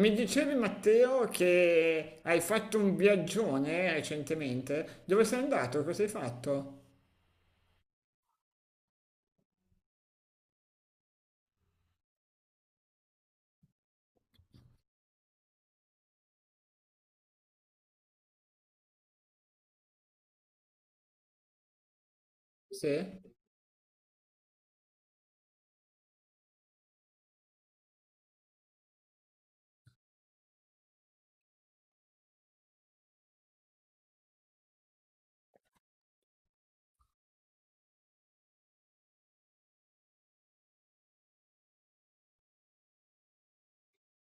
Mi dicevi Matteo che hai fatto un viaggione recentemente? Dove sei andato? Cosa hai fatto? Sì?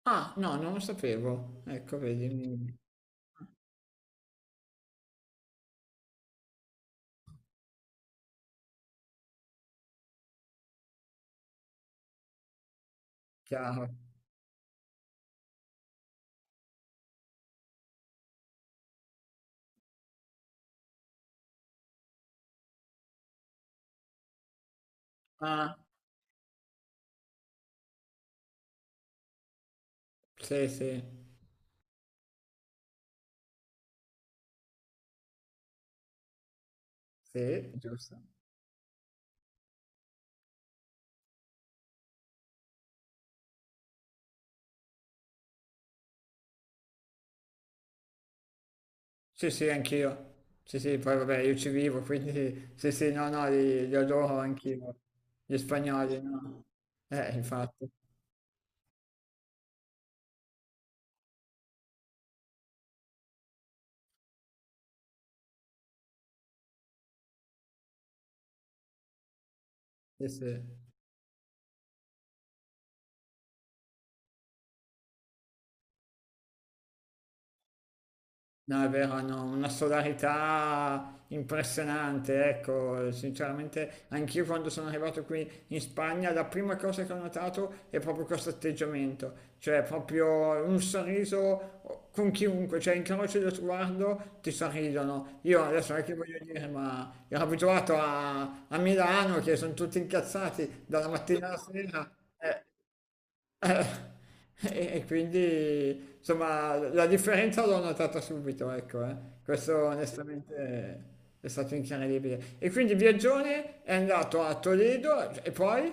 Ah, no, non lo sapevo. Ecco, vedi, mi- chiaro. Ah, sì, sì, sì, giusto. Sì, sì, anch'io. Sì, sì, poi vabbè, io ci vivo, quindi sì, sì, no, no, li adoro anch'io. Gli spagnoli, no? Infatti, sì, sì. No, è vero, hanno una solarità impressionante, ecco, sinceramente anch'io quando sono arrivato qui in Spagna la prima cosa che ho notato è proprio questo atteggiamento, cioè proprio un sorriso con chiunque, cioè incroci lo sguardo, ti sorridono. Io adesso non è che voglio dire, ma ero abituato a, a Milano che sono tutti incazzati dalla mattina alla sera. eh, eh, e quindi insomma la differenza l'ho notata subito, ecco, Questo onestamente è stato incredibile. E quindi Viaggione è andato a Toledo e poi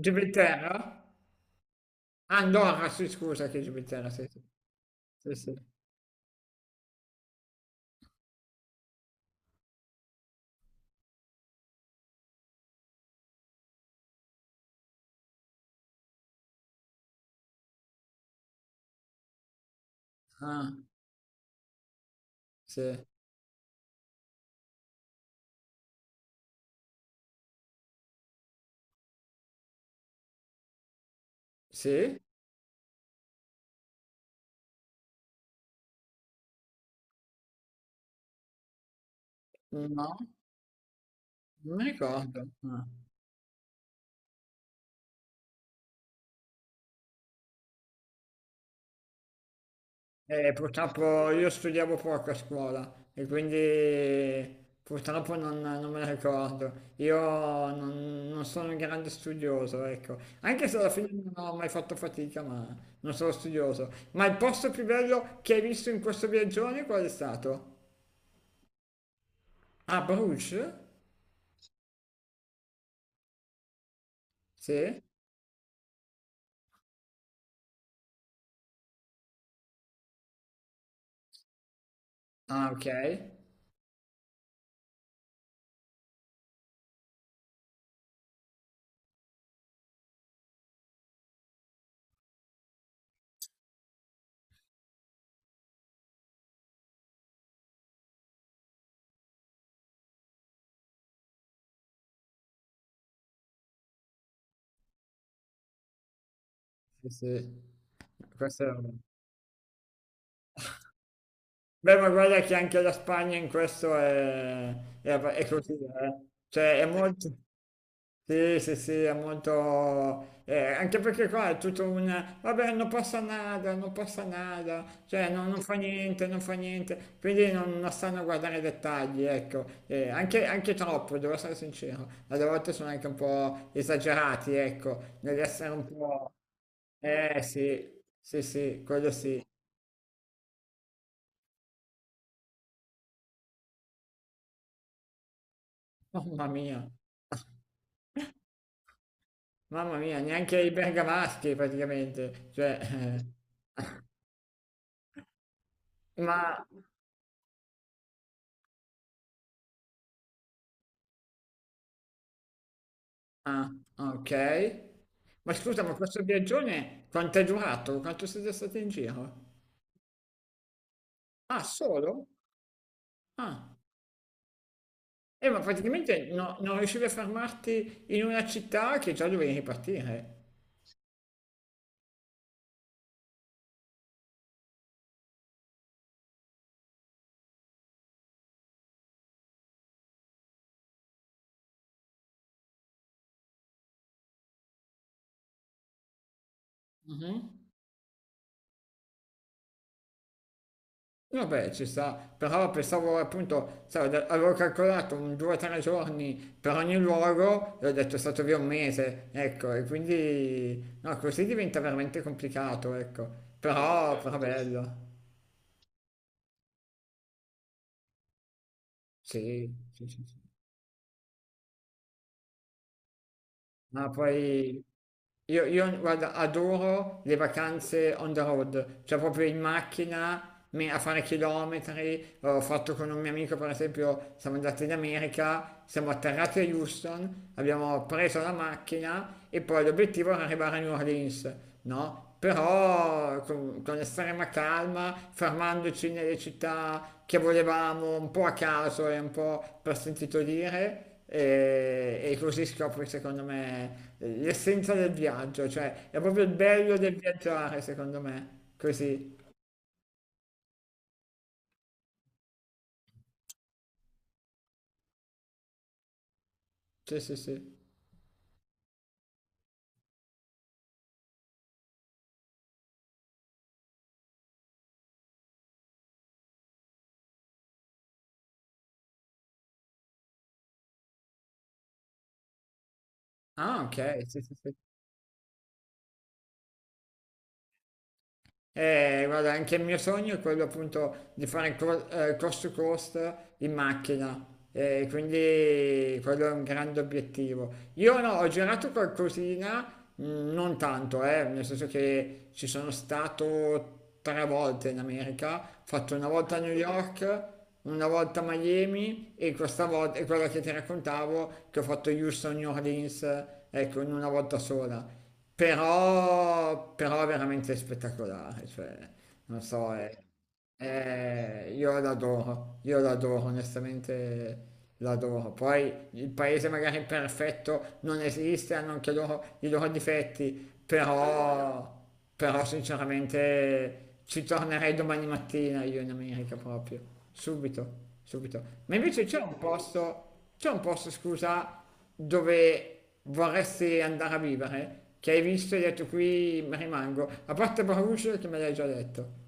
Gibilterra? Ah, Andorra, sì, scusa che Gibilterra, sì, sì, sì. sì. Ah, sì, sì, no, non mi ricordo. Ah. Purtroppo io studiavo poco a scuola e quindi purtroppo non, non me la ricordo. Io non, non sono un grande studioso, ecco. Anche se alla fine non ho mai fatto fatica, ma non sono studioso. Ma il posto più bello che hai visto in questo viaggione qual è stato? Ah, Bruges? Sì. Ah, ok. Sì, sì. Questo è... Beh, ma guarda che anche la Spagna in questo è ab- è così, eh. Cioè è molto... Sì, sì, sì, è molto... anche perché qua è tutto un... Vabbè, non passa nada, non passa nada, cioè non, non fa niente, non fa niente. Quindi non, non stanno a guardare i dettagli, ecco. Anche, anche troppo, devo essere sincero. Alle volte sono anche un po' esagerati, ecco, nell'essere un po'... Eh sì, sì, sì, quello sì. Mamma mia. Mamma mia, neanche i bergamaschi praticamente. Cioè, ma... Ah, ok. Ma scusa, ma questo viaggione quanto è durato? Quanto siete stati in giro? Ah, solo? Ah, ma praticamente no- non riuscivi a fermarti in una città che già dovevi ripartire. Vabbè, ci sta, però pensavo appunto, sai, da- avevo calcolato un 2-3 giorni per ogni luogo e ho detto è stato via un mese, ecco, e quindi no, così diventa veramente complicato, ecco. No, però, vabbè, però ma questo... bello, sì, sì, sì, sì. Ma poi Io, guarda, adoro le vacanze on the road, cioè proprio in macchina, me- a fare chilometri. Ho fatto con un mio amico, per esempio, siamo andati in America, siamo atterrati a Houston, abbiamo preso la macchina e poi l'obiettivo era arrivare a New Orleans, no? Però con estrema calma, fermandoci nelle città che volevamo, un po' a caso e un po' per sentito dire e così scopri secondo me l'essenza del viaggio, cioè è proprio il bello del viaggiare secondo me, così, sì sì sì. Ah ok, sì sì sì. Guarda, anche il mio sogno è quello appunto di fare co- cost to cost in macchina, quindi quello è un grande obiettivo. Io no, ho girato qualcosina, non tanto, nel senso che ci sono stato 3 volte in America, ho fatto una volta a New York, una volta a Miami e questa volta, e quella che ti raccontavo, che ho fatto Houston, New Orleans, ecco, in una volta sola però, però veramente spettacolare, cioè, non so, è, Vero. Io l'adoro, onestamente l'adoro. Poi il paese magari perfetto non esiste, hanno anche loro i loro difetti, però, però sinceramente ci tornerei domani mattina io in America proprio, subito, subito. Ma invece c'è un posto, scusa, dove vorresti andare a vivere, che hai visto e hai detto qui mi rimango, a parte Bruges che me l'hai già detto.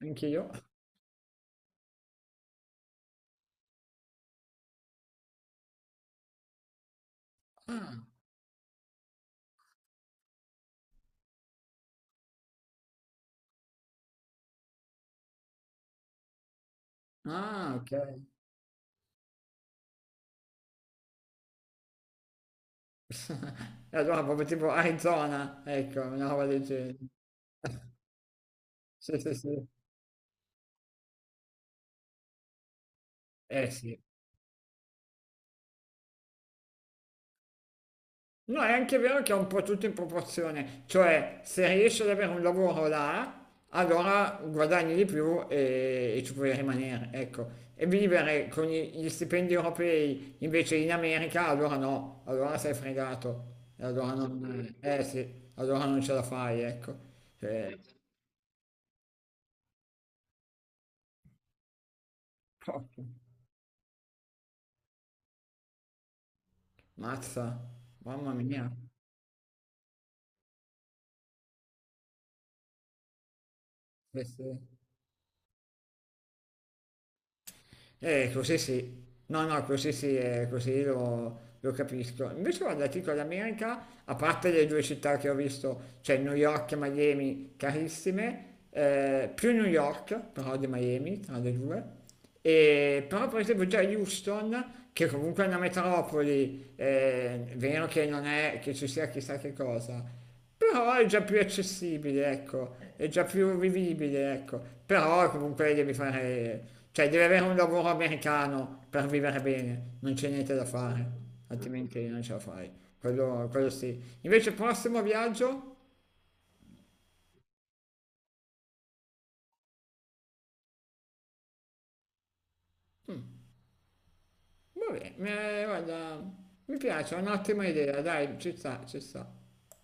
Anche io? Ah, ok. E allora proprio tipo Arizona, ecco, una roba del genere. Sì, sì, sì. Eh sì. No, è anche vero che è un po' tutto in proporzione, cioè se riesci ad avere un lavoro là, allora guadagni di più e ci puoi rimanere, ecco. E vivere con gli stipendi europei invece in America, allora no, allora sei fregato. E allora non, eh sì, allora non ce la fai, ecco. Eh, Mazza, mamma mia, eh sì. Così sì, no, no, così sì, così lo capisco. Invece guarda, ti dico, l'America, a parte le due città che ho visto, cioè New York e Miami, carissime, più New York, però di Miami, tra le due, E- però per esempio già Houston, che comunque è una metropoli, è vero che non è che ci sia chissà che cosa, però è già più accessibile, ecco. È già più vivibile, ecco, però comunque devi fare, cioè devi avere un lavoro americano per vivere bene, non c'è niente da fare, altrimenti non ce la fai, quello sì. Invece prossimo viaggio? Mm, vabbè, mi- guarda, mi piace, è un'ottima idea, dai, ci sta, ci sta.